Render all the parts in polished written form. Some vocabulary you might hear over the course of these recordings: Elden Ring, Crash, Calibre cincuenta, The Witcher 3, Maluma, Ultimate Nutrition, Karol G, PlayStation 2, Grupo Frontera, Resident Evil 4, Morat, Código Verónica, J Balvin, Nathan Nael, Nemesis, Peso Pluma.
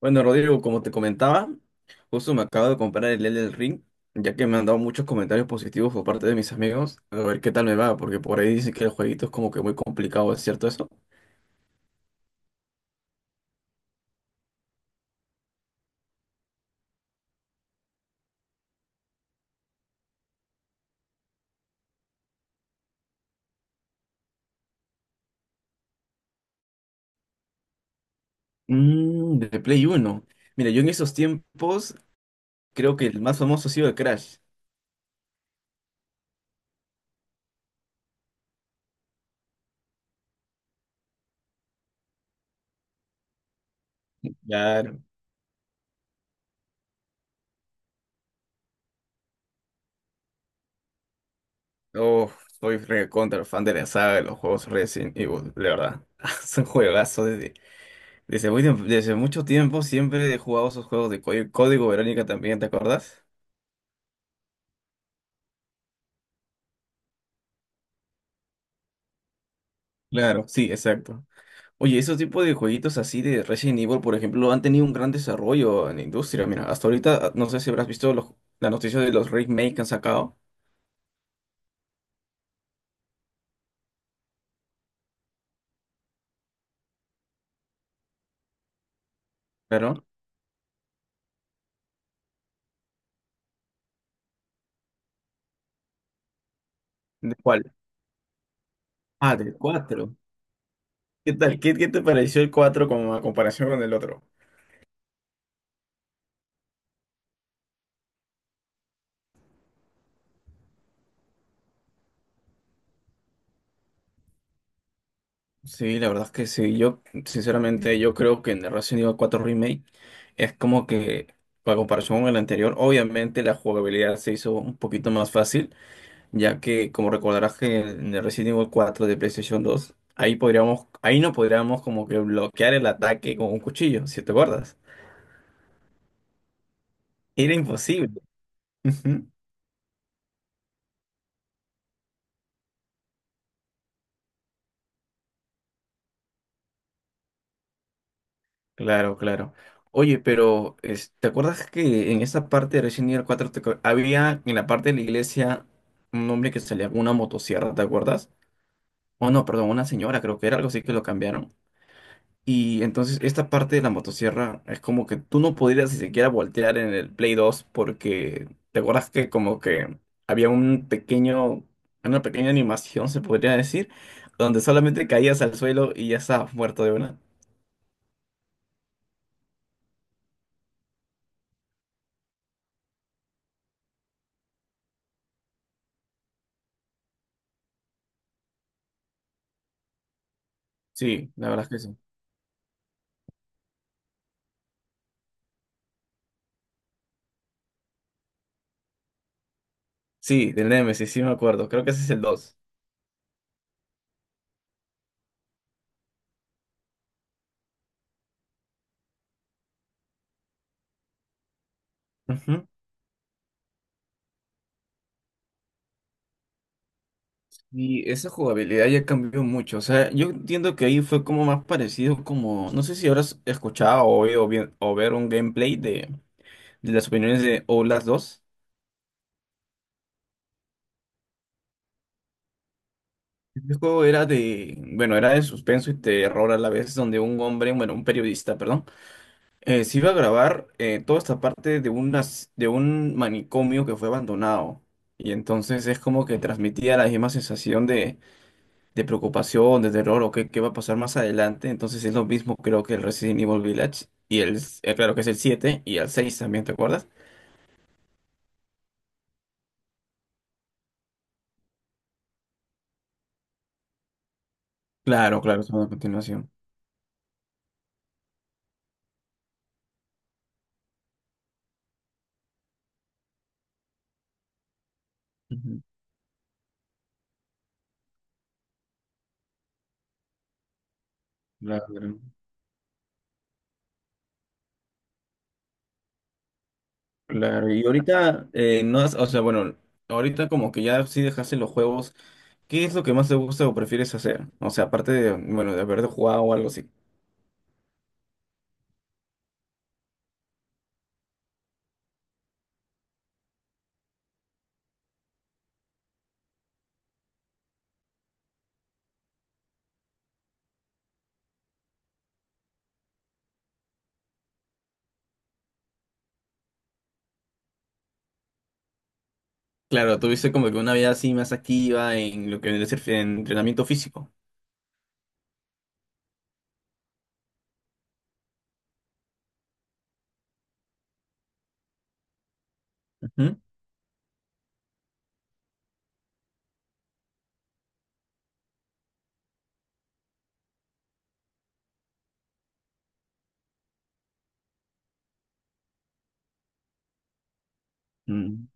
Bueno, Rodrigo, como te comentaba, justo me acabo de comprar el Elden Ring, ya que me han dado muchos comentarios positivos por parte de mis amigos. A ver qué tal me va, porque por ahí dicen que el jueguito es como que muy complicado, ¿es cierto eso? Mm, de Play Uno. Mira, yo en esos tiempos creo que el más famoso ha sido el Crash. Claro. Oh, soy recontra fan de la saga de los juegos Resident Evil, la verdad. Son juegazos desde, desde mucho tiempo siempre he jugado esos juegos de Código Verónica también, ¿te acuerdas? Claro, sí, exacto. Oye, esos tipos de jueguitos así de Resident Evil, por ejemplo, han tenido un gran desarrollo en la industria. Mira, hasta ahorita, no sé si habrás visto la noticia de los remakes que han sacado, claro. ¿De cuál? Ah, del 4. ¿Qué tal? ¿Qué te pareció el 4 como a comparación con el otro? Sí, la verdad es que sí. Yo, sinceramente, yo creo que en el Resident Evil 4 Remake es como que, a comparación con el anterior, obviamente la jugabilidad se hizo un poquito más fácil, ya que como recordarás que en el Resident Evil 4 de PlayStation 2, ahí no podríamos como que bloquear el ataque con un cuchillo, si te acuerdas. Era imposible. Ujú. Claro, claro. Oye, pero ¿te acuerdas que en esa parte de Resident Evil 4 había en la parte de la iglesia un hombre que salía con una motosierra, ¿te acuerdas? Oh no, perdón, una señora, creo que era algo así que lo cambiaron. Y entonces esta parte de la motosierra es como que tú no podrías ni siquiera voltear en el Play dos porque te acuerdas que como que había una pequeña animación, se podría decir, donde solamente caías al suelo y ya estabas muerto de una. Sí, la verdad es que sí. Sí, del Nemesis, sí me acuerdo, creo que ese es el dos. Ujú. Y esa jugabilidad ya cambió mucho, o sea, yo entiendo que ahí fue como más parecido como, no sé si habrás escuchado o oído bien, o ver un gameplay de las opiniones de O las dos. Este juego era de, bueno, era de suspenso y terror a la vez, donde un hombre, bueno, un periodista, perdón, se iba a grabar toda esta parte de de un manicomio que fue abandonado. Y entonces es como que transmitía la misma sensación de preocupación, de terror o qué va a pasar más adelante. Entonces es lo mismo creo que el Resident Evil Village y claro que es el 7 y el 6 también, ¿te acuerdas? Claro, claro, son a continuación. Ujú. Claro. Claro, y ahorita, no has- o sea, bueno, ahorita como que ya sí dejaste los juegos, ¿qué es lo que más te gusta o prefieres hacer? O sea, aparte de, bueno, de haber jugado o algo así. Claro, tuviste como que una vida así más activa en lo que vendría a ser en entrenamiento físico. Ujú. Mm.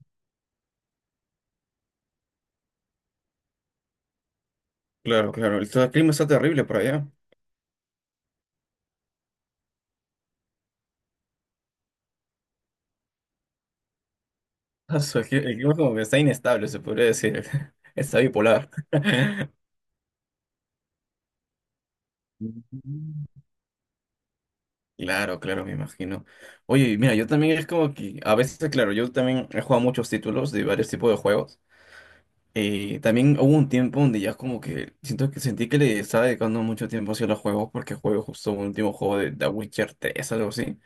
Claro, claro, el clima está terrible por allá. Ah, el clima como que está inestable, se podría decir. Está bipolar. Claro, claro, me imagino. Oye, mira, yo también es como que a veces, claro, yo también he jugado muchos títulos de varios tipos de juegos. También hubo un tiempo donde ya como que siento que sentí que le estaba dedicando mucho tiempo hacia los juegos porque jugué justo un último juego de The Witcher 3, algo así.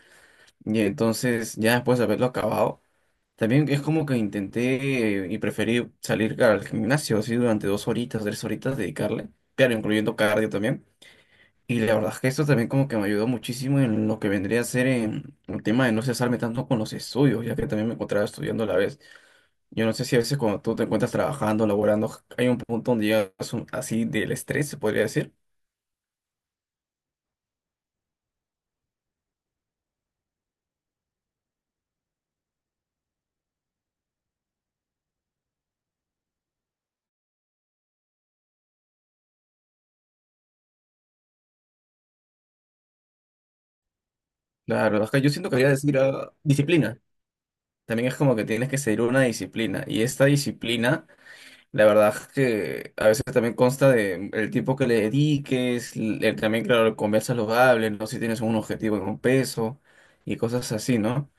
Y entonces, ya después de haberlo acabado, también es como que intenté y preferí salir al gimnasio así durante dos horitas, tres horitas, dedicarle. Claro, incluyendo cardio también. Y la verdad es que esto también como que me ayudó muchísimo en lo que vendría a ser en el tema de no cesarme tanto con los estudios, ya que también me encontraba estudiando a la vez. Yo no sé si a veces cuando tú te encuentras trabajando, laborando, hay un punto donde llegas así del estrés, se podría decir. La verdad es que yo siento que quería decir ah, disciplina. También es como que tienes que seguir una disciplina. Y esta disciplina, la verdad es que a veces también consta de el tiempo que le dediques, también, claro, comer saludable, no sé si tienes un objetivo en un peso y cosas así, ¿no?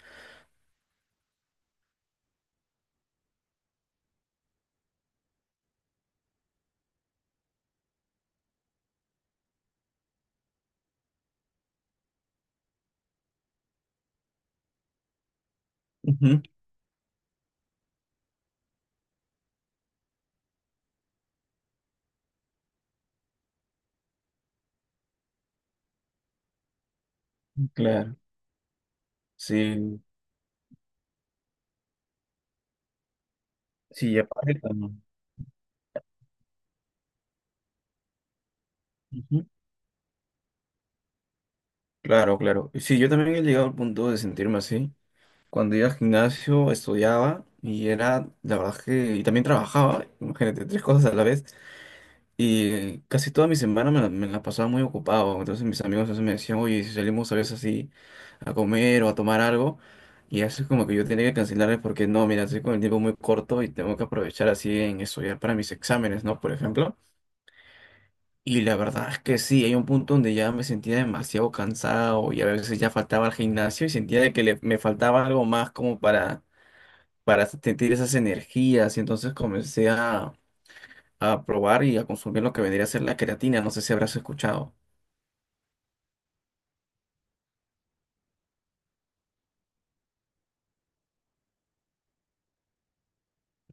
Ujú. Claro, sí, sí, ya pasa ujú. Claro, claro. Sí, yo también he llegado al punto de sentirme así. Cuando iba al gimnasio, estudiaba y era, la verdad es que, y también trabajaba, imagínate, tres cosas a la vez. Y casi toda mi semana me la pasaba muy ocupado. Entonces mis amigos a veces me decían, oye, si salimos a veces así a comer o a tomar algo. Y así es como que yo tenía que cancelarles porque no, mira, estoy con el tiempo muy corto y tengo que aprovechar así en estudiar para mis exámenes, ¿no? Por ejemplo. Y la verdad es que sí, hay un punto donde ya me sentía demasiado cansado y a veces ya faltaba al gimnasio y sentía de que me faltaba algo más como para sentir esas energías. Y entonces comencé a probar y a consumir lo que vendría a ser la creatina. No sé si habrás escuchado.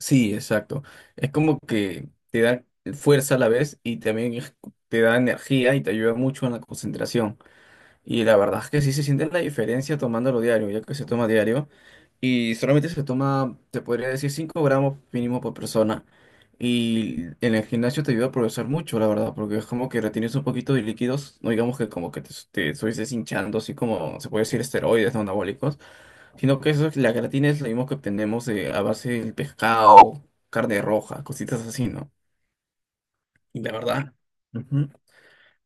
Sí, exacto. Es como que te da fuerza a la vez y también te da energía y te ayuda mucho en la concentración. Y la verdad es que sí se siente la diferencia tomándolo diario, ya que se toma diario. Y solamente se toma, te podría decir, 5 gramos mínimo por persona. Y en el gimnasio te ayuda a progresar mucho, la verdad, porque es como que retienes un poquito de líquidos, no digamos que como que te estuvieses hinchando, así como se puede decir esteroides no anabólicos, sino que eso, la creatina es lo mismo que obtenemos a base del pescado, carne roja, cositas así, ¿no? Y la verdad.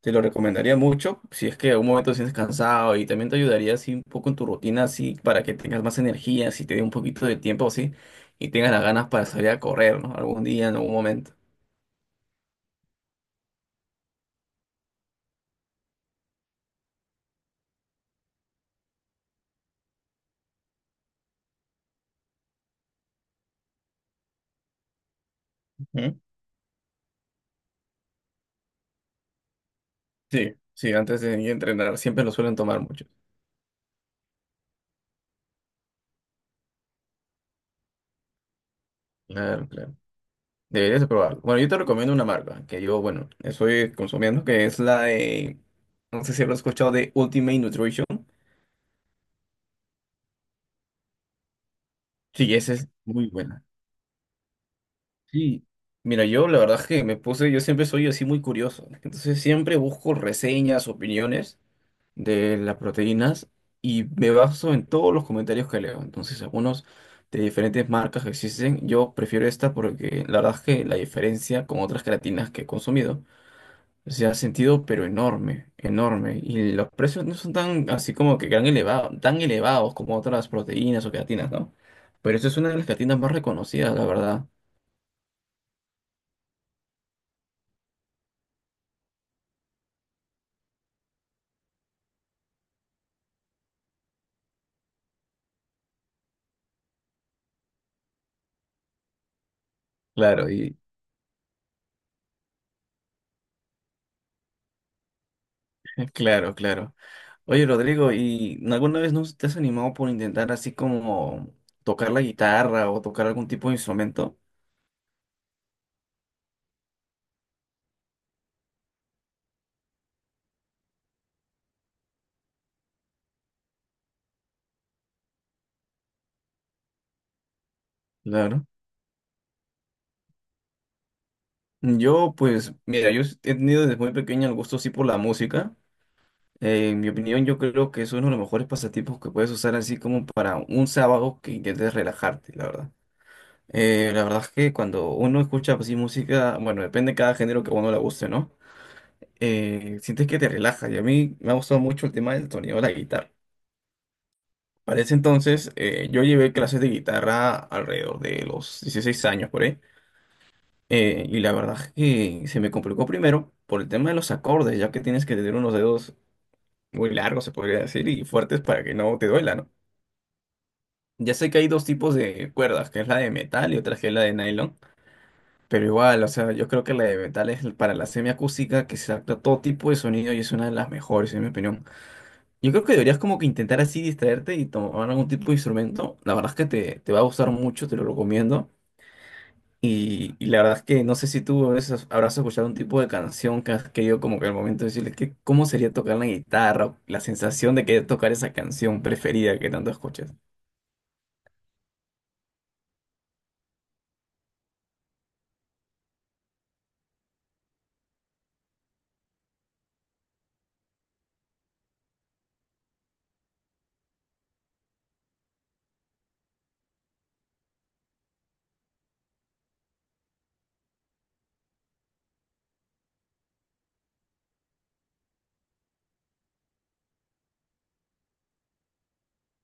Te lo recomendaría mucho si es que en un momento te sientes cansado y también te ayudaría así un poco en tu rutina, así para que tengas más energía, si te dé un poquito de tiempo así y tengas las ganas para salir a correr, ¿no? Algún día, en algún momento. Ujú. Sí, sí, antes de ir a entrenar, siempre lo suelen tomar muchos. Claro, claro. Deberías de probarlo. Bueno, yo te recomiendo una marca que yo, bueno, estoy consumiendo, que es la de, no sé si habrás escuchado de Ultimate Nutrition. Sí, esa es muy buena. Sí, mira, yo la verdad es que me puse, yo siempre soy así muy curioso, entonces siempre busco reseñas, opiniones de las proteínas y me baso en todos los comentarios que leo, entonces algunos de diferentes marcas que existen, yo prefiero esta porque la verdad es que la diferencia con otras creatinas que he consumido se ha sentido pero enorme, enorme, y los precios no son tan así como que tan elevados como otras proteínas o creatinas, ¿no? Pero esta es una de las creatinas más reconocidas, la verdad. Claro. Claro, claro. Oye, Rodrigo, ¿y alguna vez no te has animado por intentar así como tocar la guitarra o tocar algún tipo de instrumento? Claro. Yo, pues, mira, yo he tenido desde muy pequeño el gusto así por la música. En mi opinión, yo creo que es uno de los mejores pasatiempos que puedes usar así como para un sábado que intentes relajarte, la verdad. La verdad es que cuando uno escucha así música, bueno, depende de cada género que a uno le guste, ¿no? Sientes que te relaja y a mí me ha gustado mucho el tema del sonido de la guitarra. Para ese entonces, yo llevé clases de guitarra alrededor de los 16 años por ahí. Y la verdad es que se me complicó primero por el tema de los acordes, ya que tienes que tener unos dedos muy largos, se podría decir, y fuertes para que no te duela, ¿no? Ya sé que hay dos tipos de cuerdas, que es la de metal y otra que es la de nylon, pero igual, o sea, yo creo que la de metal es para la semiacústica, que se adapta a todo tipo de sonido y es una de las mejores, en mi opinión. Yo creo que deberías como que intentar así distraerte y tomar algún tipo de instrumento. La verdad es que te va a gustar mucho, te lo recomiendo. Y la verdad es que no sé si tú a veces habrás escuchado un tipo de canción que has querido como que al momento decirles que cómo sería tocar la guitarra, la sensación de querer tocar esa canción preferida que tanto escuchas.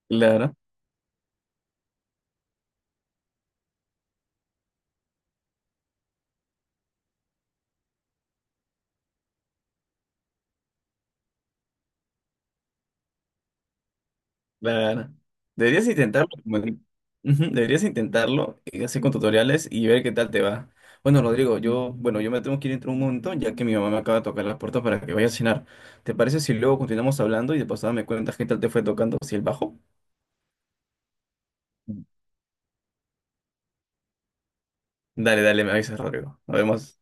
Claro. Claro. Deberías intentarlo. Como Ujú. Deberías intentarlo y así con tutoriales y ver qué tal te va. Bueno, Rodrigo, yo, bueno, yo me tengo que ir dentro de un montón, ya que mi mamá me acaba de tocar la puerta para que vaya a cenar. ¿Te parece si luego continuamos hablando y de pasada me cuentas qué tal te fue tocando si el bajo? Dale, dale, me avisas, Rodrigo. Nos vemos.